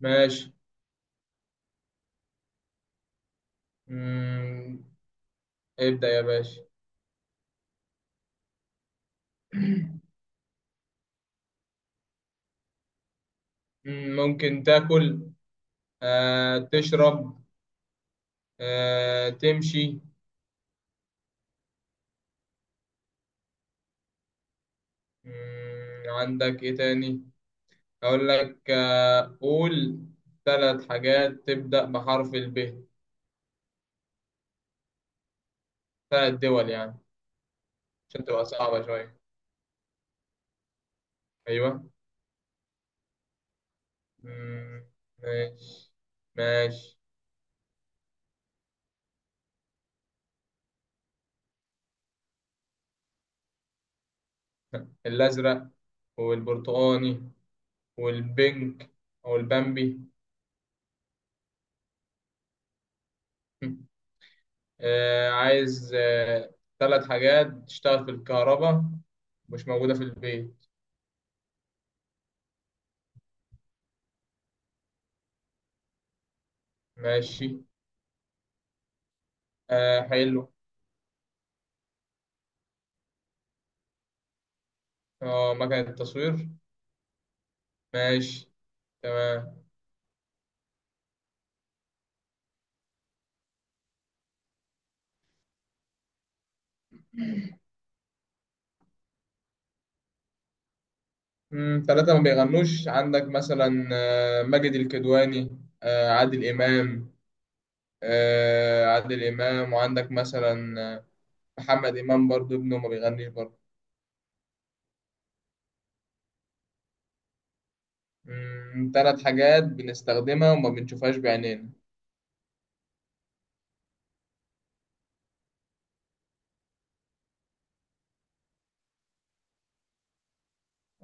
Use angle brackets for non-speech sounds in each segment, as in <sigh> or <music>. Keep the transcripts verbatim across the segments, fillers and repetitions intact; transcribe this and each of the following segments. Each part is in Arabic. ماشي. مم. ابدأ يا باشا. <clears throat> مم، ممكن تاكل. آه، تشرب. آه، تمشي. مم، عندك ايه تاني؟ اقول لك آه، قول ثلاث حاجات تبدأ بحرف الب. ثلاث دول يعني. عشان تبقى صعبة شوية. ايوه. مم، ماشي. ماشي. <laughs> الازرق، والبرتقاني، والبنك، او البامبي. <laughs> آه، عايز آه، ثلاث حاجات تشتغل في الكهرباء، مش موجودة في البيت. ماشي. آه حلو. اه مكنة التصوير. ماشي. تمام. مم، ثلاثة ما بيغنوش، عندك مثلا آه، ماجد الكدواني، آه، عادل إمام. آه، عادل إمام، وعندك مثلا آه، محمد إمام برضو، ابنه ما بيغنيش برضو. مم، ثلاث حاجات بنستخدمها وما بنشوفهاش بعينينا.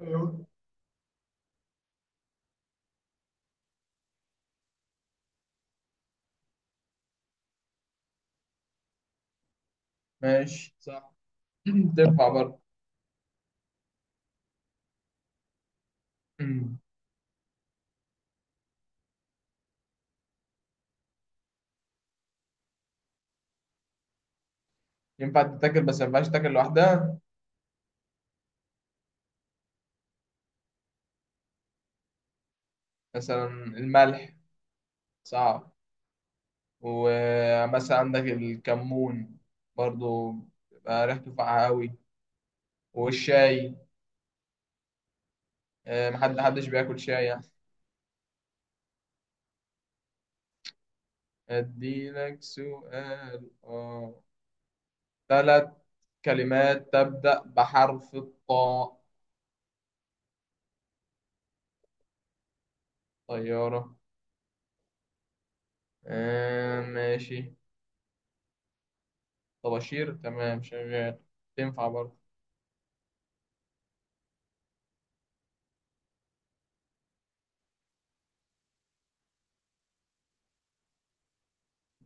ايوه. ماشي صح. <clears throat> تنفع برضو. <clears throat> ينفع تتاكل بس ما ينفعش تاكل لوحدها؟ مثلا الملح. صعب. ومثلا عندك الكمون برضو، بيبقى ريحته فاقعة قوي. والشاي. آه، محد حدش بياكل شاي يعني. اديلك سؤال اه. ثلاث كلمات تبدأ بحرف الطاء. طيارة. آه ماشي. طباشير تمام شغال. تنفع برضه.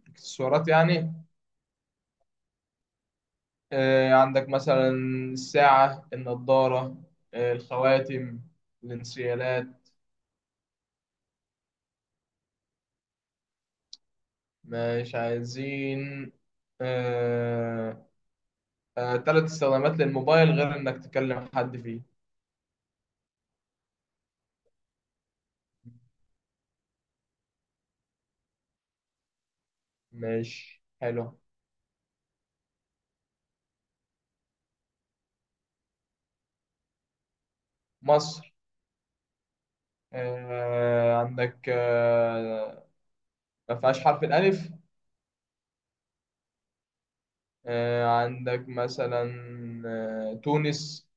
اكسسوارات يعني؟ آه، عندك مثلا الساعة، النضارة، آه، الخواتم، الانسيالات. مش عايزين. آه، آه، تلات استخدامات للموبايل غير إنك تكلم حد فيه. مش حلو. مصر. آه، عندك آه، ما فيهاش حرف الألف. آه، عندك مثلا آه، تونس.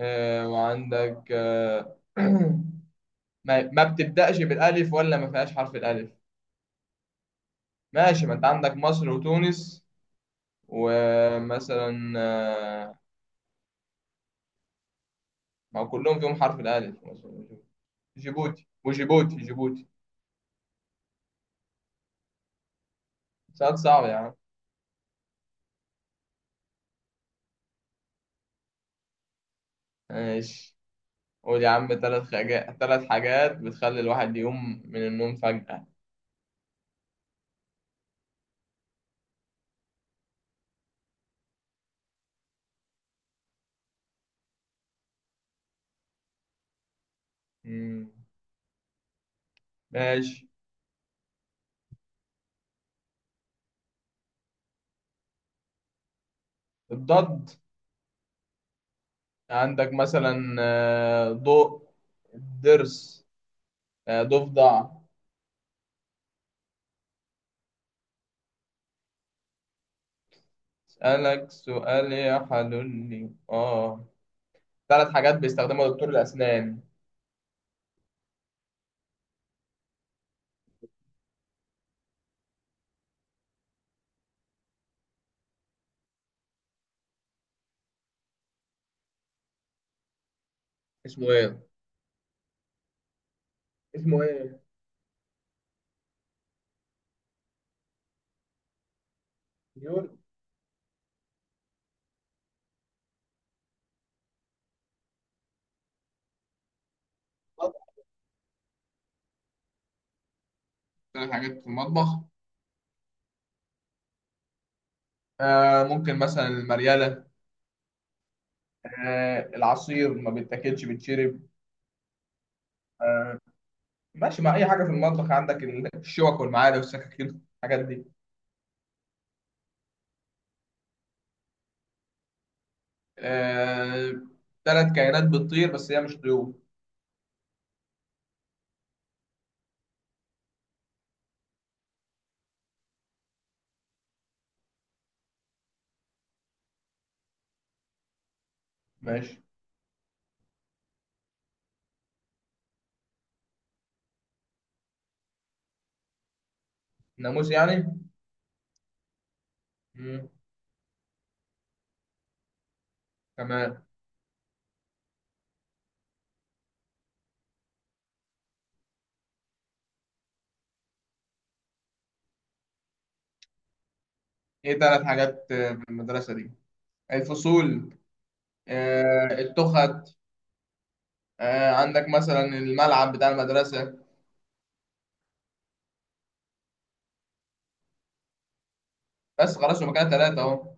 آه، وعندك آه، <clears throat> ما ما بتبدأش بالألف ولا ما فيهاش حرف الألف. ماشي ما انت عندك مصر وتونس. ومثلا آه، ما هو كلهم فيهم حرف الألف مصر وتونس. جيبوتي وجيبوتي جيبوتي. سؤال صعب يا عم. ماشي. قول يا عم ثلاث حاجات ثلاث حاجات بتخلي الواحد يقوم من النوم فجأة. مم. ماشي. الضد. عندك مثلا آه، ضوء، ضرس، آه، ضفدع. اسألك سؤال يا حلولي اه. ثلاث حاجات بيستخدمها دكتور الأسنان. اسمه ايه؟ اسمه ايه؟ ديور. بتعمل حاجات في المطبخ؟ آه، ممكن مثلا المريالة. آه، العصير ما بيتاكلش بيتشرب. آه. ماشي مع أي حاجة في المطبخ، عندك الشوك والمعالق والسكاكين الحاجات دي. آه ثلاث كائنات بتطير بس هي مش طيور. ماشي. ناموس يعني؟ مم. تمام. ايه ثلاث حاجات آه، في المدرسة دي؟ الفصول. آه، التخت. آه، عندك مثلا الملعب بتاع المدرسة. بس خلاص هما كده ثلاثة اهو.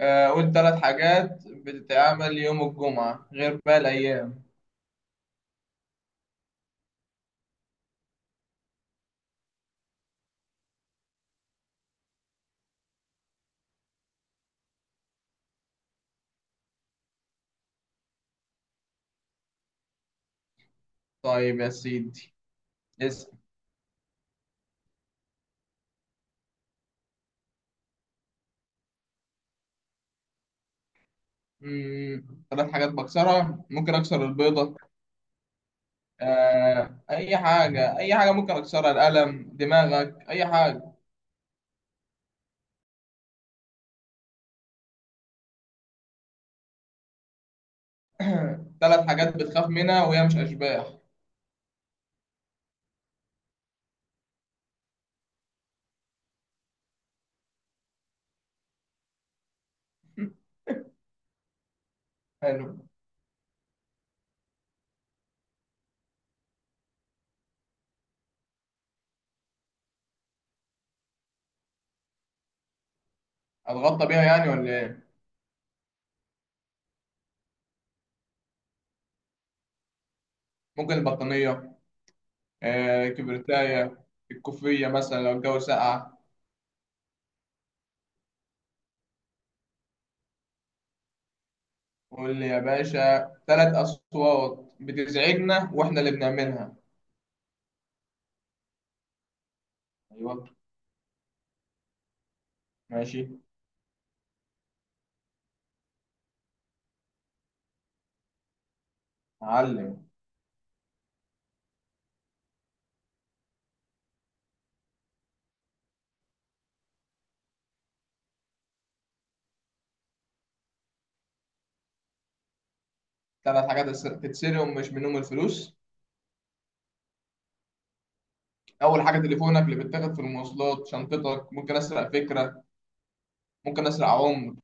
آه، قول ثلاث حاجات بتتعمل يوم الجمعة غير باقي الأيام. طيب يا سيدي، اسأل. مم، ثلاث حاجات بكسرها، ممكن أكسر البيضة. آه، أي حاجة، أي حاجة ممكن أكسرها، القلم، دماغك، أي حاجة. <clears throat> ثلاث حاجات بتخاف منها وهي مش أشباح. حلو. أتغطى بيها يعني ولا إيه؟ ممكن البطانية. آه، كبرتاية، الكوفية مثلا لو الجو ساقع. قول لي يا باشا ثلاث أصوات بتزعجنا وإحنا اللي بنعملها. أيوة. ماشي. معلم. ثلاث حاجات تس- تتسرقهم مش منهم الفلوس. اول حاجه تليفونك اللي بيتاخد في المواصلات، شنطتك، ممكن اسرق فكره. ممكن اسرق عمر.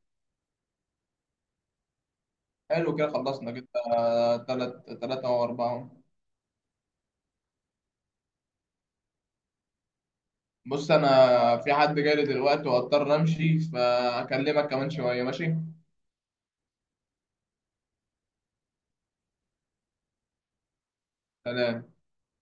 حلو كده، خلصنا كده. ثلاث ثلاثه او اربعه. بص انا في حد جالي دلوقتي واضطر امشي، فاكلمك كمان شويه، ماشي. سلام.